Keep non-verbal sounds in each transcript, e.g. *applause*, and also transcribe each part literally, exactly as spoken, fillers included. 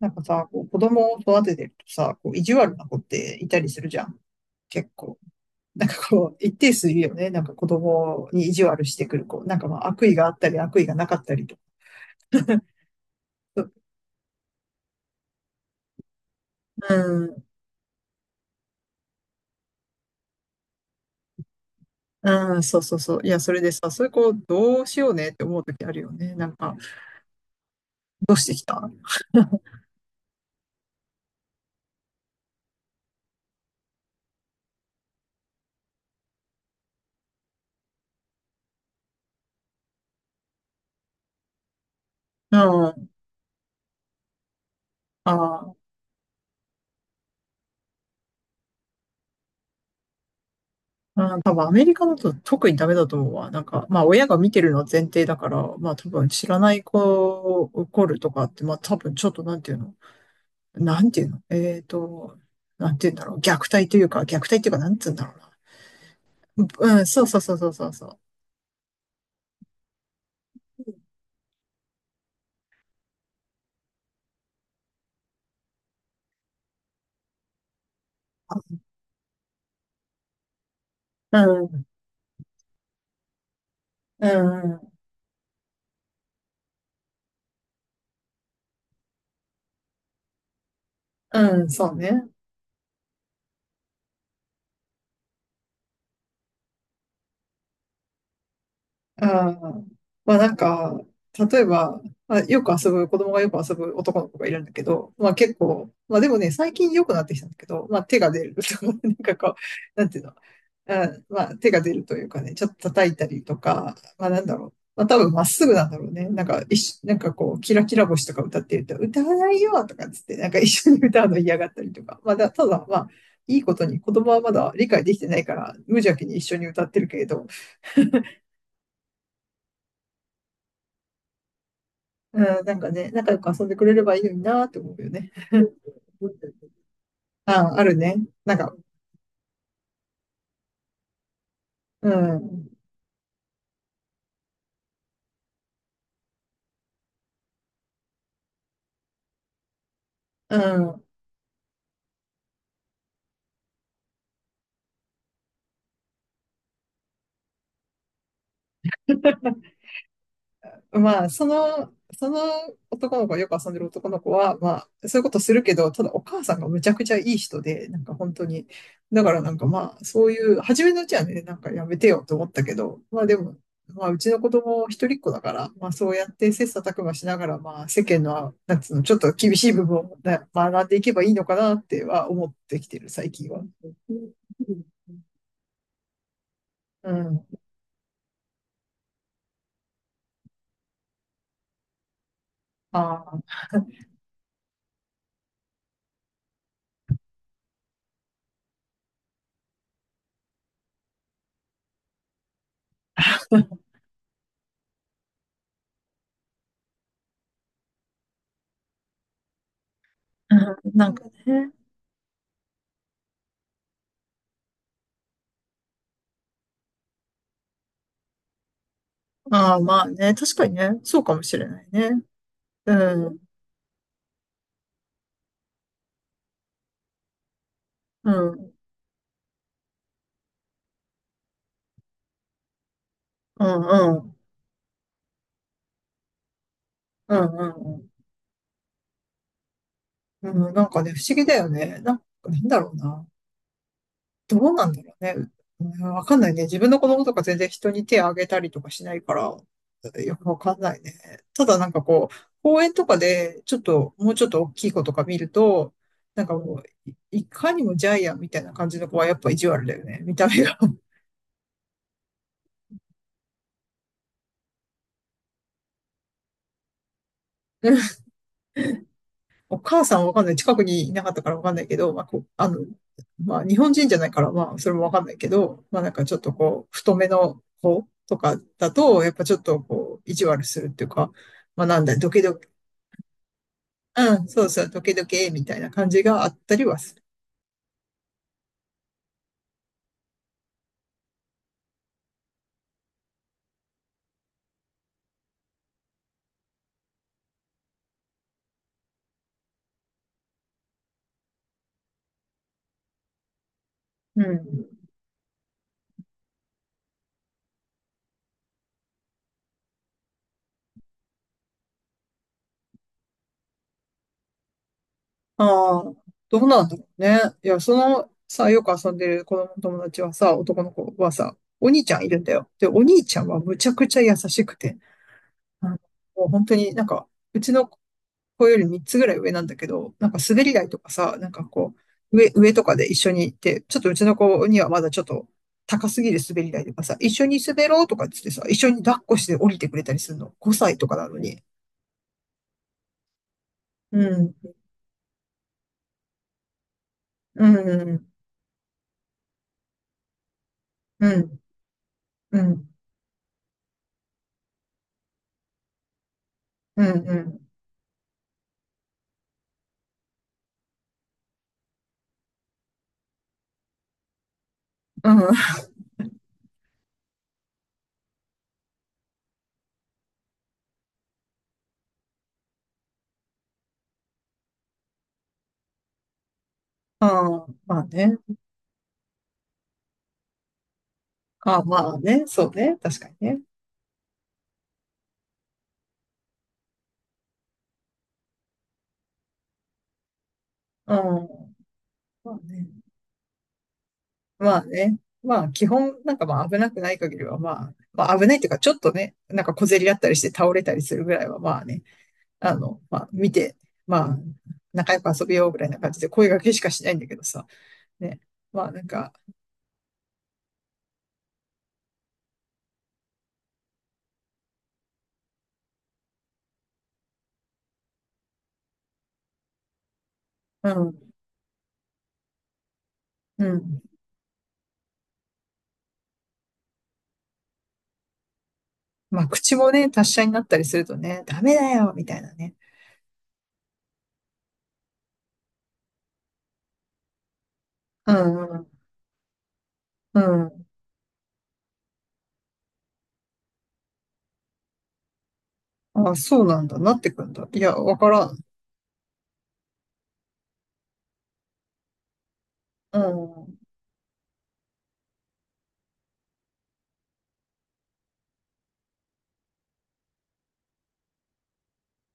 なんかさ、こう子供を育ててるとさ、こう意地悪な子っていたりするじゃん。結構。なんかこう、一定数いるよね。なんか子供に意地悪してくる子。なんかまあ悪意があったり悪意がなかったりとか。うん、うん、そうそうそう。いや、それでさ、そういう子どうしようねって思う時あるよね。なんか、どうしてきた *laughs* うん、ああ、うん多分アメリカだと特にダメだと思うわ。なんか、まあ親が見てるのは前提だから、まあ多分知らない子を怒るとかって、まあ多分ちょっとなんていうのなんていうのえっと、なんていうんだろう。虐待というか、虐待というか、なんつうんだろうな。うん、そうそうそうそうそうそう。うん、うん、うん、そうね。ああ、まあなんか、例えば、まあ、よく遊ぶ、子供がよく遊ぶ男の子がいるんだけど、まあ結構、まあでもね、最近良くなってきたんだけど、まあ手が出るとか、*laughs* なんかこう、なんていうの、あ、まあ手が出るというかね、ちょっと叩いたりとか、まあなんだろう、まあ多分まっすぐなんだろうね。なんか一緒、なんかこう、キラキラ星とか歌ってると、歌わないよとかっつって、なんか一緒に歌うの嫌がったりとか、まあだ、ただまあ、いいことに子供はまだ理解できてないから、無邪気に一緒に歌ってるけれど、うん、なんかね、仲良く遊んでくれればいいのになーって思うよね。*laughs* あ、あるね。なんか、うん。うん。まあ、その、その男の子、よく遊んでる男の子は、まあ、そういうことするけど、ただお母さんがむちゃくちゃいい人で、なんか本当に、だからなんかまあ、そういう、初めのうちはね、なんかやめてよと思ったけど、まあでも、まあ、うちの子供一人っ子だから、まあそうやって切磋琢磨しながら、まあ世間の、なんつうの、ちょっと厳しい部分をね学んでいけばいいのかなっては思ってきてる、最近は。うん。ああ、うんなんかね。ああ、まあね、確かにね、そうかもしれないね。うん、うん、うん、うん、うん、うん、うん、うんなんかね、不思議だよね。なんか、なんだろうな。どうなんだろうね。うんわかんないね。自分の子供とか全然人に手を挙げたりとかしないから、よくわかんないね。ただなんかこう、公園とかで、ちょっと、もうちょっと大きい子とか見ると、なんかもう、いいかにもジャイアンみたいな感じの子はやっぱ意地悪だよね。見た目が。お母さんはわかんない。近くにいなかったからわかんないけど、まあ、こう、あの、まあ、日本人じゃないから、まあ、それもわかんないけど、まあ、なんかちょっとこう、太めの子とかだと、やっぱちょっとこう、意地悪するっていうか、まあ、なんだ、ドキドキ、うん、そうそう、ドキドキ、みたいな感じがあったりはする。うん。ああ、どうなんだろうね。いや、その、さ、よく遊んでる子供の友達はさ、男の子はさ、お兄ちゃんいるんだよ。で、お兄ちゃんはむちゃくちゃ優しくて、あのもう本当になんか、うちのこうよりみっつぐらい上なんだけど、なんか滑り台とかさ、なんかこう、上、上とかで一緒に行って、ちょっとうちの子にはまだちょっと高すぎる滑り台とかさ、一緒に滑ろうとかってってさ、一緒に抱っこして降りてくれたりするの。ごさいとかなのに。うん、うん、うん、うん、うん、うん、うん、うんあーまあね。あーまあね。そうね。確かにね。うん、まあね。まあね。まあ、基本、なんかまあ危なくない限りは、まあ、まあ危ないっていうか、ちょっとね、なんか小競り合ったりして倒れたりするぐらいは、まあね、あの、まあ見て、まあ、仲良く遊びようぐらいな感じで声掛けしかしないんだけどさ、ね。まあなんか、うん、うん。まあ口もね、達者になったりするとね、ダメだよ、みたいなね。うん、うん、うん。あ、そうなんだ、なってくんだ。いや、わからん。うん、うん、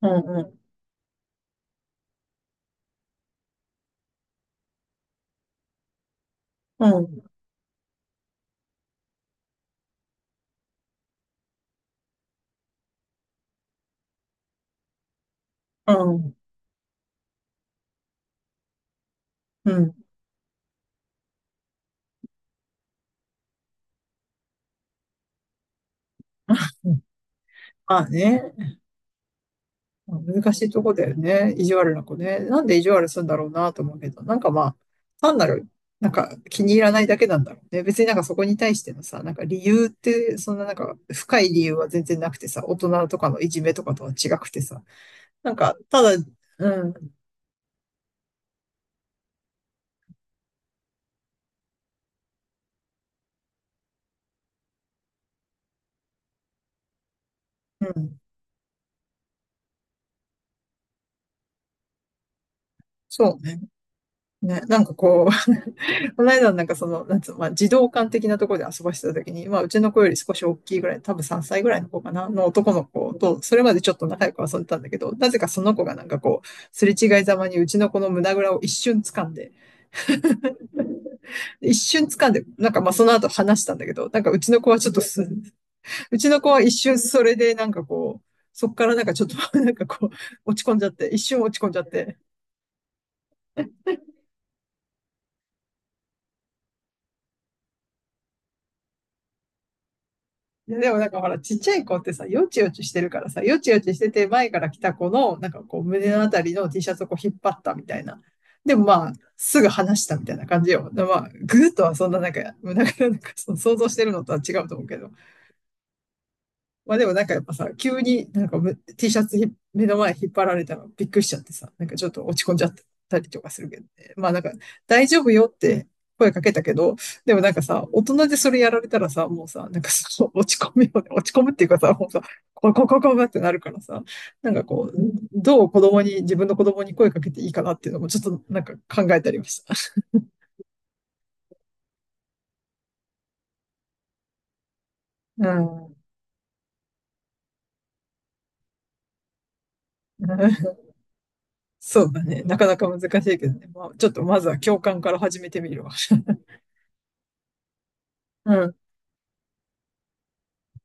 うん、うん、うん、うん。まあね。難しいとこだよね。意地悪な子ね。なんで意地悪するんだろうなと思うけど、なんかまあ、単なる、なんか気に入らないだけなんだろうね。別になんかそこに対してのさ、なんか理由って、そんななんか深い理由は全然なくてさ、大人とかのいじめとかとは違くてさ、なんか、ただ、うん、うん、そうね。ね、なんかこう、この間なんかその、なんつうの、まあ、児童館的なところで遊ばしてた時に、まあ、うちの子より少し大きいぐらい、多分さんさいぐらいの子かな、の男の子と、それまでちょっと仲良く遊んでたんだけど、なぜかその子がなんかこう、すれ違いざまにうちの子の胸ぐらを一瞬掴んで、一瞬掴んで、なんかまあその後話したんだけど、なんかうちの子はちょっとす、うちの子は一瞬それでなんかこう、そっからなんかちょっとなんかこう、落ち込んじゃって、一瞬落ち込んじゃって、いやでもなんかほら、ちっちゃい子ってさ、よちよちしてるからさ、よちよちしてて前から来た子の、なんかこう胸のあたりの T シャツをこう引っ張ったみたいな。でもまあ、すぐ離したみたいな感じよ。でまあ、グーとはそんななんか、なんか、なんかその想像してるのとは違うと思うけど。まあでもなんかやっぱさ、急になんかむ T シャツひ目の前引っ張られたのびっくりしちゃってさ、なんかちょっと落ち込んじゃったりとかするけどね。まあなんか大丈夫よって声かけたけど、でもなんかさ、大人でそれやられたらさ、もうさ、なんかその *laughs* 落ち込むよね。落ち込むっていうかさ、もうさ、こここここってなるからさ、なんかこう、どう子供に、自分の子供に声かけていいかなっていうのもちょっとなんか考えたりました。うん *laughs* そうだね。なかなか難しいけどね。まあ、ちょっとまずは共感から始めてみるわ。*laughs* うん。